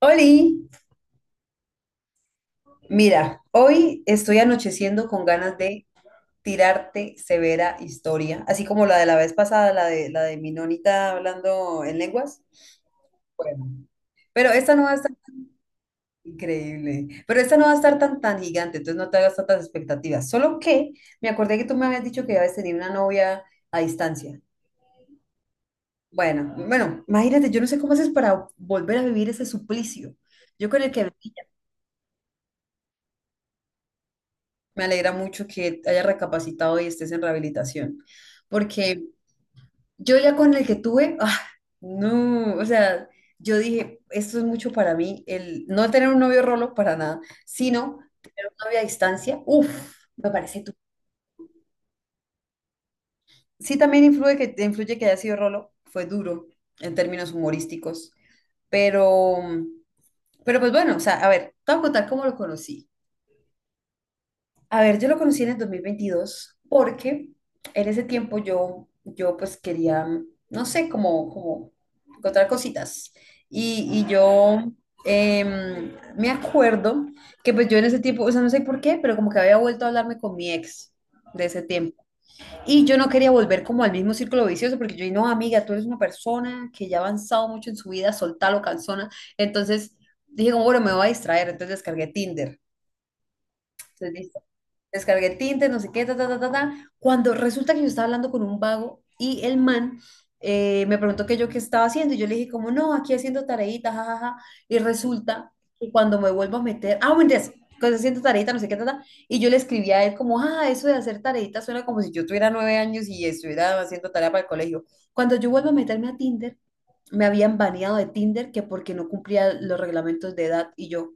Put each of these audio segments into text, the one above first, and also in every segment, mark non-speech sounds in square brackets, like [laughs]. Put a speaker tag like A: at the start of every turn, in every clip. A: Oli, mira, hoy estoy anocheciendo con ganas de tirarte severa historia, así como la de la vez pasada, la de mi nonita hablando en lenguas. Bueno, pero esta no va a estar increíble, pero esta no va a estar tan tan gigante, entonces no te hagas tantas expectativas. Solo que me acordé que tú me habías dicho que habías tenido una novia a distancia. Bueno, bueno, imagínate, yo no sé cómo haces para volver a vivir ese suplicio. Yo con el que venía. Me alegra mucho que hayas recapacitado y estés en rehabilitación, porque yo ya con el que tuve, ah, no, o sea, yo dije, esto es mucho para mí, el no tener un novio rolo para nada, sino tener un novio a distancia, uff, me parece tú. Sí, también influye que haya sido rolo, fue duro en términos humorísticos, pero, pero pues bueno, o sea, a ver, te voy a contar cómo lo conocí. A ver, yo lo conocí en el 2022 porque en ese tiempo yo pues quería, no sé, como encontrar cositas. Y yo me acuerdo que pues yo en ese tiempo, o sea, no sé por qué, pero como que había vuelto a hablarme con mi ex de ese tiempo. Y yo no quería volver como al mismo círculo vicioso porque yo, dije no, amiga, tú eres una persona que ya ha avanzado mucho en su vida, soltalo, canzona. Entonces dije como, bueno, me voy a distraer, entonces descargué Tinder. Entonces, listo, descargué Tinder, no sé qué, ta, ta, ta, ta, ta. Cuando resulta que yo estaba hablando con un vago y el man me preguntó que yo qué estaba haciendo y yo le dije como, no, aquí haciendo tareitas, jajaja. Y resulta que cuando me vuelvo a meter, ah, bueno, entonces, cuando haciendo tareitas, no sé qué, ta, ta, y yo le escribí a él como, ah, eso de hacer tareitas suena como si yo tuviera 9 años y estuviera haciendo tarea para el colegio. Cuando yo vuelvo a meterme a Tinder, me habían baneado de Tinder que porque no cumplía los reglamentos de edad y yo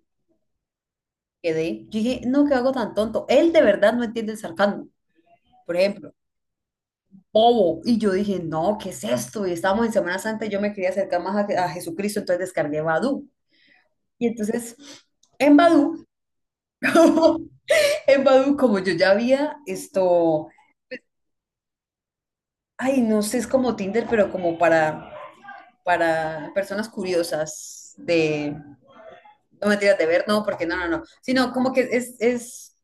A: quedé. Yo dije, no, qué hago tan tonto. Él de verdad no entiende el sarcasmo, por ejemplo, bobo. Y yo dije, no, ¿qué es esto? Y estábamos en Semana Santa y yo me quería acercar más a Jesucristo, entonces descargué Badoo. Y entonces, en Badoo, [laughs] en Badoo, como yo ya había esto, ay, no sé, es como Tinder, pero como para personas curiosas de, no mentiras, de ver, no, porque no, no, no, sino como que es,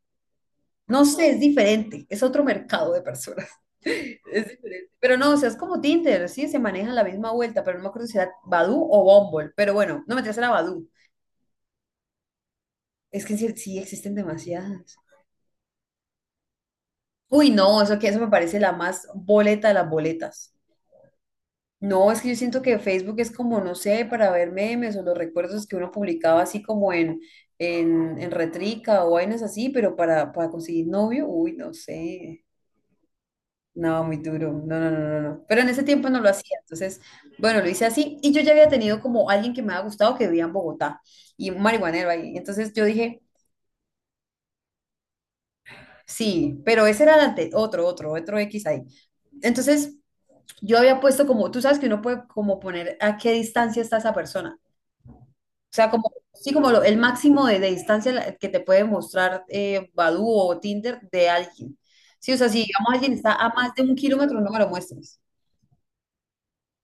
A: no sé, es diferente, es otro mercado de personas. [laughs] Es diferente. Pero no, o sea, es como Tinder, sí, se maneja la misma vuelta, pero no me acuerdo si era Badoo o Bumble. Pero bueno, no me traes a la Badoo. Es que sí, sí existen demasiadas. Uy, no, eso que eso me parece la más boleta de las boletas. No, es que yo siento que Facebook es como, no sé, para ver memes o los recuerdos que uno publicaba así como en, en Retrica o vainas así, pero para conseguir novio, uy, no sé. No, muy duro. No, no, no, no, no. Pero en ese tiempo no lo hacía. Entonces, bueno, lo hice así. Y yo ya había tenido como alguien que me había gustado que vivía en Bogotá y un marihuanero ahí. Entonces yo dije, sí, pero ese era el otro X ahí. Entonces yo había puesto como, tú sabes que uno puede como poner a qué distancia está esa persona. O sea, como, sí, como el máximo de distancia que te puede mostrar Badoo o Tinder de alguien. Sí, o sea, si digamos alguien está a más de 1 kilómetro, no me lo muestres.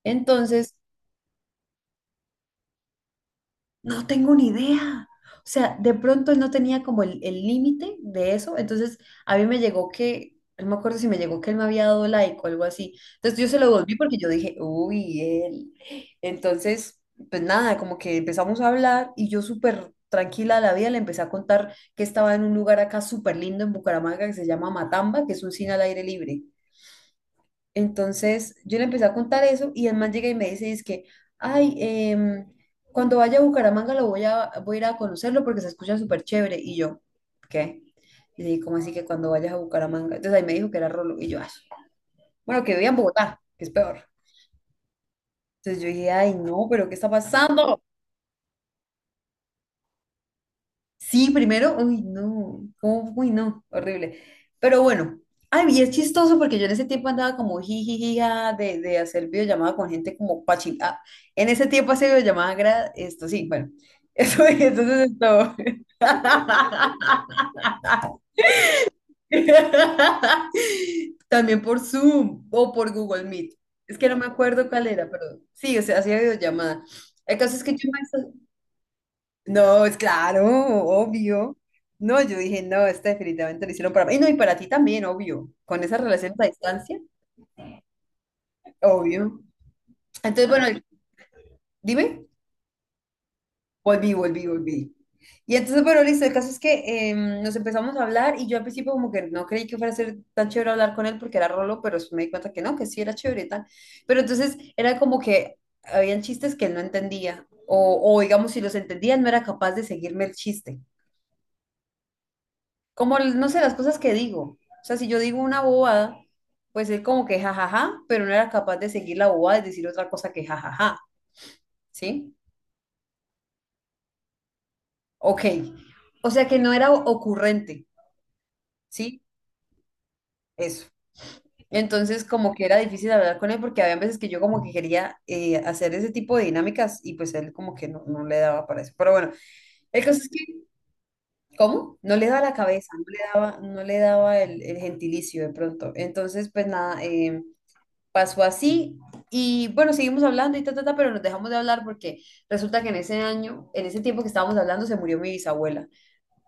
A: Entonces. No tengo ni idea. O sea, de pronto él no tenía como el límite de eso. Entonces, a mí me llegó que, no me acuerdo si me llegó que él me había dado like o algo así. Entonces, yo se lo devolví porque yo dije, uy, él. Entonces, pues nada, como que empezamos a hablar y yo súper tranquila de la vida le empecé a contar que estaba en un lugar acá súper lindo en Bucaramanga que se llama Matamba, que es un cine al aire libre. Entonces yo le empecé a contar eso y el man llega y me dice, es que, ay, cuando vaya a Bucaramanga lo voy a, voy a ir a conocerlo porque se escucha súper chévere. Y yo, ¿qué? Y le dije, ¿cómo así que cuando vayas a Bucaramanga? Entonces ahí me dijo que era Rolo. Y yo, "Ah, bueno, que vivía en Bogotá, que es peor". Entonces yo dije, ay, no, pero ¿qué está pasando? Sí, primero, uy, no, ¿cómo? Uy, no, horrible. Pero bueno, ay, y es chistoso porque yo en ese tiempo andaba como jijijija de hacer videollamada con gente como pachita. Ah, en ese tiempo hacer videollamada, esto sí, bueno, [laughs] eso, entonces esto. [laughs] También por Zoom o por Google Meet. Es que no me acuerdo cuál era, pero sí, o sea, hacía videollamada. El caso es que yo. No, es claro, obvio. No, yo dije, no, esta definitivamente lo hicieron para mí. Y no, y para ti también, obvio. Con esas relaciones a distancia, obvio. Entonces, bueno, dime, volví, volví, volví. Y entonces, bueno, listo, el caso es que nos empezamos a hablar y yo al principio como que no creí que fuera a ser tan chévere hablar con él porque era rolo, pero después me di cuenta que no, que sí era chévere y tal. Pero entonces era como que habían chistes que él no entendía o digamos, si los entendía no era capaz de seguirme el chiste. Como, no sé, las cosas que digo. O sea, si yo digo una bobada, pues es como que jajaja, pero no era capaz de seguir la bobada y decir otra cosa que jajaja, ¿sí? Ok. O sea que no era ocurrente, ¿sí? Eso. Entonces, como que era difícil hablar con él porque había veces que yo como que quería hacer ese tipo de dinámicas y pues él como que no, no le daba para eso. Pero bueno, el caso es que, ¿cómo? No le daba la cabeza, no le daba, no le daba el gentilicio de pronto. Entonces, pues nada, pasó así y bueno, seguimos hablando y ta, ta, ta, pero nos dejamos de hablar porque resulta que en ese año, en ese tiempo que estábamos hablando, se murió mi bisabuela.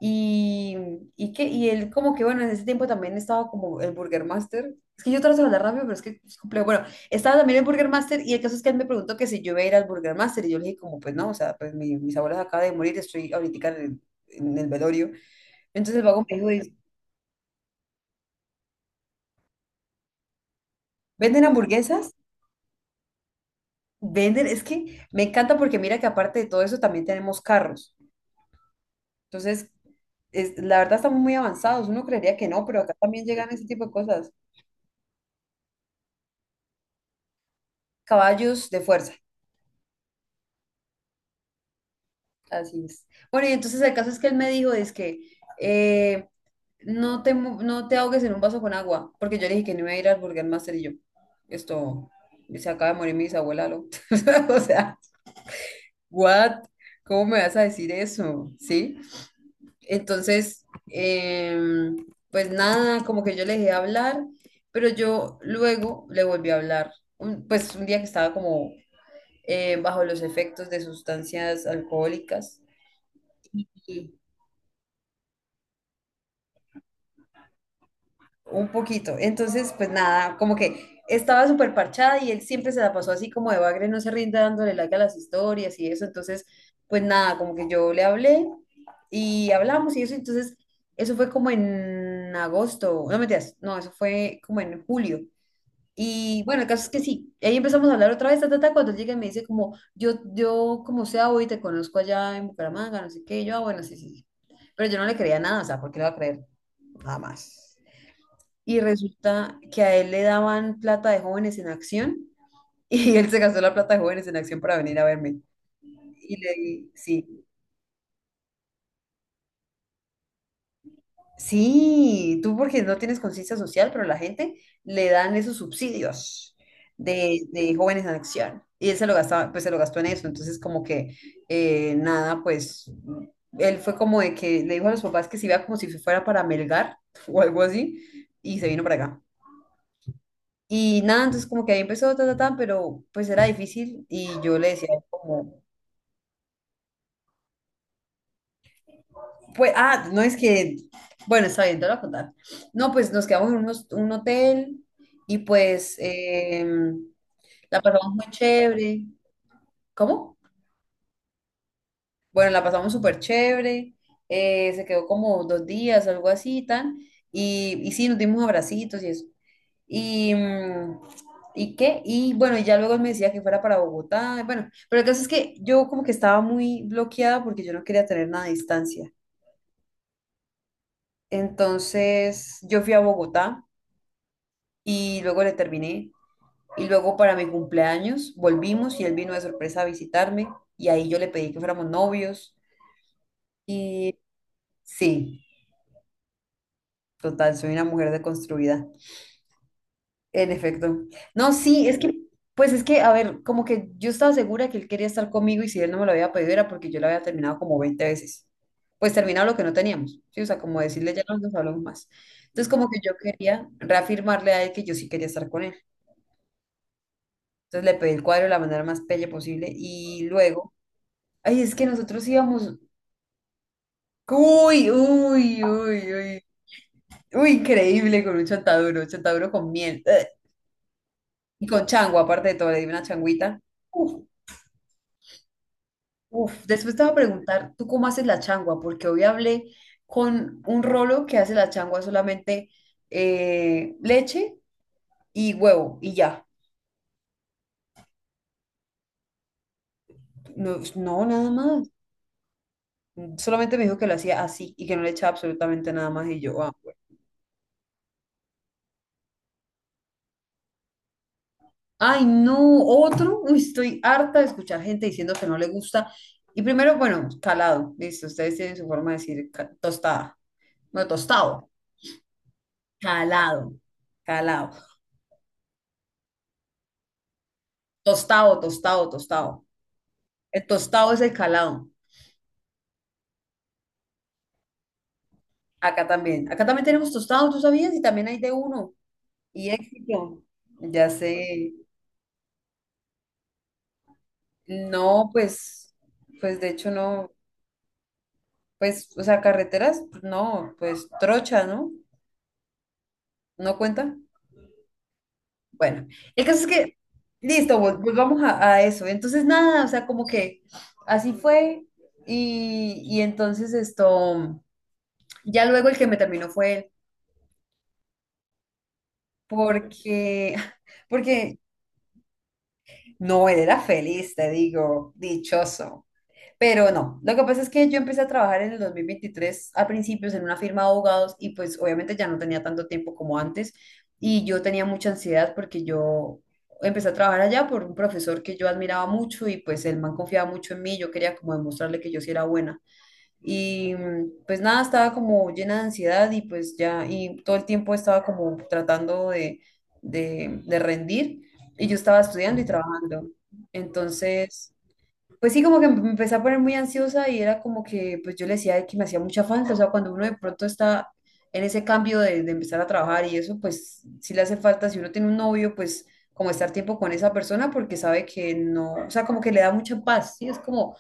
A: Y, y él como que, bueno, en ese tiempo también estaba como el Burger Master. Es que yo trato de hablar rápido, pero es que es complejo. Bueno, estaba también el Burger Master y el caso es que él me preguntó que si yo iba a ir al Burger Master y yo le dije como, pues no, o sea, pues mis abuelos acaba de morir, estoy ahorita en el velorio. Entonces el vago me dijo, dice, ¿venden hamburguesas? Venden, es que me encanta porque mira que aparte de todo eso también tenemos carros. Entonces, la verdad estamos muy avanzados. Uno creería que no, pero acá también llegan ese tipo de cosas. Caballos de fuerza, así es. Bueno, y entonces el caso es que él me dijo, es que eh, no te ahogues en un vaso con agua, porque yo le dije que no iba a ir al Burger Master y yo, esto, se acaba de morir mi bisabuela, ¿no? [laughs] O sea, what? ¿Cómo me vas a decir eso? ¿Sí? Entonces, pues nada, como que yo le dejé hablar, pero yo luego le volví a hablar, pues un día que estaba como bajo los efectos de sustancias alcohólicas un poquito. Entonces, pues nada, como que estaba súper parchada y él siempre se la pasó así como de bagre, no se rinde dándole like a las historias y eso. Entonces, pues nada, como que yo le hablé y hablamos y eso. Entonces, eso fue como en agosto, no mentiras, no, eso fue como en julio. Y bueno, el caso es que sí, ahí empezamos a hablar otra vez, ta, ta, ta, cuando él llega y me dice como, yo como sea hoy te conozco allá en Bucaramanga, no sé qué, y yo, ah, bueno, sí, sí, sí. Pero yo no le creía nada, o sea, ¿por qué le va a creer? Nada más y resulta que a él le daban plata de jóvenes en acción [laughs] y él se gastó la plata de jóvenes en acción para venir a verme. Y le di, sí, sí, tú porque no tienes conciencia social, pero la gente le dan esos subsidios de jóvenes en acción. Y él se lo gastaba, pues se lo gastó en eso. Entonces, como que nada, pues él fue como de que le dijo a los papás que se iba como si fuera para Melgar [laughs] o algo así, y se vino para acá. Y nada, entonces como que ahí empezó, pero pues era difícil y yo le decía como, pues, ah, no es que, bueno, está bien, te lo voy a contar. No, pues nos quedamos en un hotel y pues la pasamos muy chévere. ¿Cómo? Bueno, la pasamos súper chévere, se quedó como 2 días, algo así, tan, y sí, nos dimos abracitos y eso. Y, ¿y qué? Y bueno, y ya luego él me decía que fuera para Bogotá. Bueno, pero el caso es que yo como que estaba muy bloqueada porque yo no quería tener nada de distancia. Entonces yo fui a Bogotá y luego le terminé. Y luego para mi cumpleaños volvimos y él vino de sorpresa a visitarme. Y ahí yo le pedí que fuéramos novios. Y sí, total, soy una mujer deconstruida. En efecto. No, sí, es que, pues es que, a ver, como que yo estaba segura que él quería estar conmigo y si él no me lo había pedido era porque yo lo había terminado como 20 veces. Pues terminado lo que no teníamos, ¿sí? O sea, como decirle ya no nos hablamos más. Entonces, como que yo quería reafirmarle a él que yo sí quería estar con él. Entonces le pedí el cuadro de la manera más pelle posible y luego, ay, es que nosotros íbamos, uy, uy, uy, uy, uy, increíble con un chontaduro con miel, ¡eh! Y con chango, aparte de todo, le di una changuita. Uf, uf, después te voy a preguntar, ¿tú cómo haces la changua? Porque hoy hablé con un rolo que hace la changua solamente leche y huevo y ya. No, no, nada más. Solamente me dijo que lo hacía así y que no le echaba absolutamente nada más y yo, ah. Ay, no, otro. Uy, estoy harta de escuchar gente diciendo que no le gusta. Y primero, bueno, calado, listo, ustedes tienen su forma de decir tostada. No, tostado. Calado, calado. Tostado, tostado, tostado. El tostado es el calado. Acá también. Acá también tenemos tostado, ¿tú sabías? Y también hay de uno. Y éxito. Ya sé. No, pues, pues de hecho no. Pues, o sea, carreteras, no, pues trocha, ¿no? ¿No cuenta? Bueno, el caso es que, listo, volvamos a eso. Entonces, nada, o sea, como que así fue. Y entonces esto, ya luego el que me terminó fue él, porque, [laughs] porque no, él era feliz, te digo, dichoso. Pero no, lo que pasa es que yo empecé a trabajar en el 2023 a principios en una firma de abogados y pues obviamente ya no tenía tanto tiempo como antes y yo tenía mucha ansiedad porque yo empecé a trabajar allá por un profesor que yo admiraba mucho y pues el man confiaba mucho en mí, yo quería como demostrarle que yo sí era buena. Y pues nada, estaba como llena de ansiedad y pues ya, y todo el tiempo estaba como tratando de rendir y yo estaba estudiando y trabajando. Entonces, pues sí, como que me empecé a poner muy ansiosa y era como que pues yo le decía que me hacía mucha falta, o sea, cuando uno de pronto está en ese cambio de empezar a trabajar y eso, pues sí le hace falta, si uno tiene un novio, pues como estar tiempo con esa persona porque sabe que no, o sea, como que le da mucha paz, sí, es como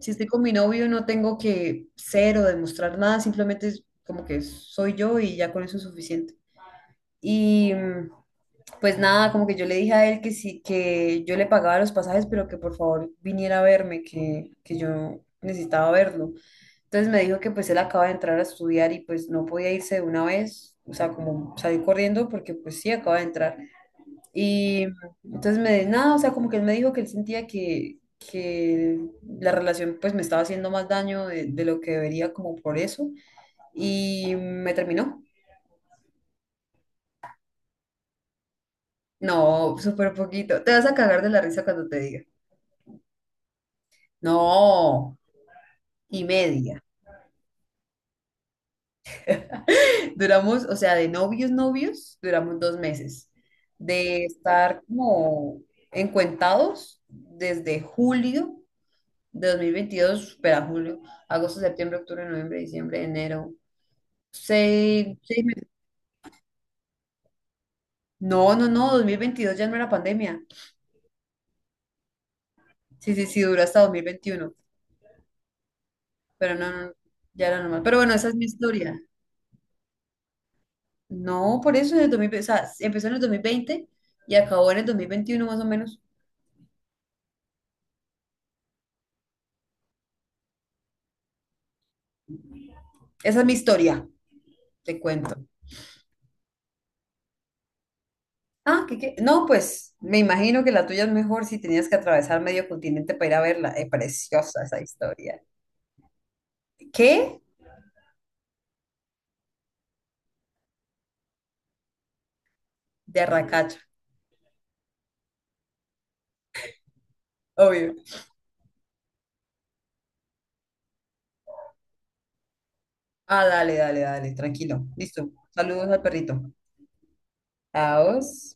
A: si estoy con mi novio, no tengo que ser o demostrar nada, simplemente es como que soy yo y ya con eso es suficiente. Y pues nada, como que yo le dije a él que sí, que yo le pagaba los pasajes, pero que por favor viniera a verme, que yo necesitaba verlo. Entonces me dijo que pues él acaba de entrar a estudiar y pues no podía irse de una vez, o sea, como salir corriendo porque pues sí, acaba de entrar. Y entonces me, nada, o sea, como que él me dijo que él sentía que la relación pues me estaba haciendo más daño de lo que debería como por eso. Y me terminó. No, súper poquito. Te vas a cagar de la risa cuando te diga. No, y media. Duramos, o sea, de novios, novios, duramos 2 meses. De estar como encuentados desde julio de 2022, espera, julio, agosto, septiembre, octubre, noviembre, diciembre, enero. Seis, seis meses. No, no, no, 2022 ya no era pandemia. Sí, sí, sí, duró hasta 2021, pero no, no, ya era normal. Pero bueno, esa es mi historia. No, por eso en el 2020, o sea, empezó en el 2020 y acabó en el 2021 más o menos. Esa es mi historia, te cuento. Ah, ¿qué, qué? No, pues me imagino que la tuya es mejor si tenías que atravesar medio continente para ir a verla. Es preciosa esa historia. ¿Qué? De Arracacha, obvio. Ah, dale, dale, dale, tranquilo. Listo. Saludos al perrito. Adiós.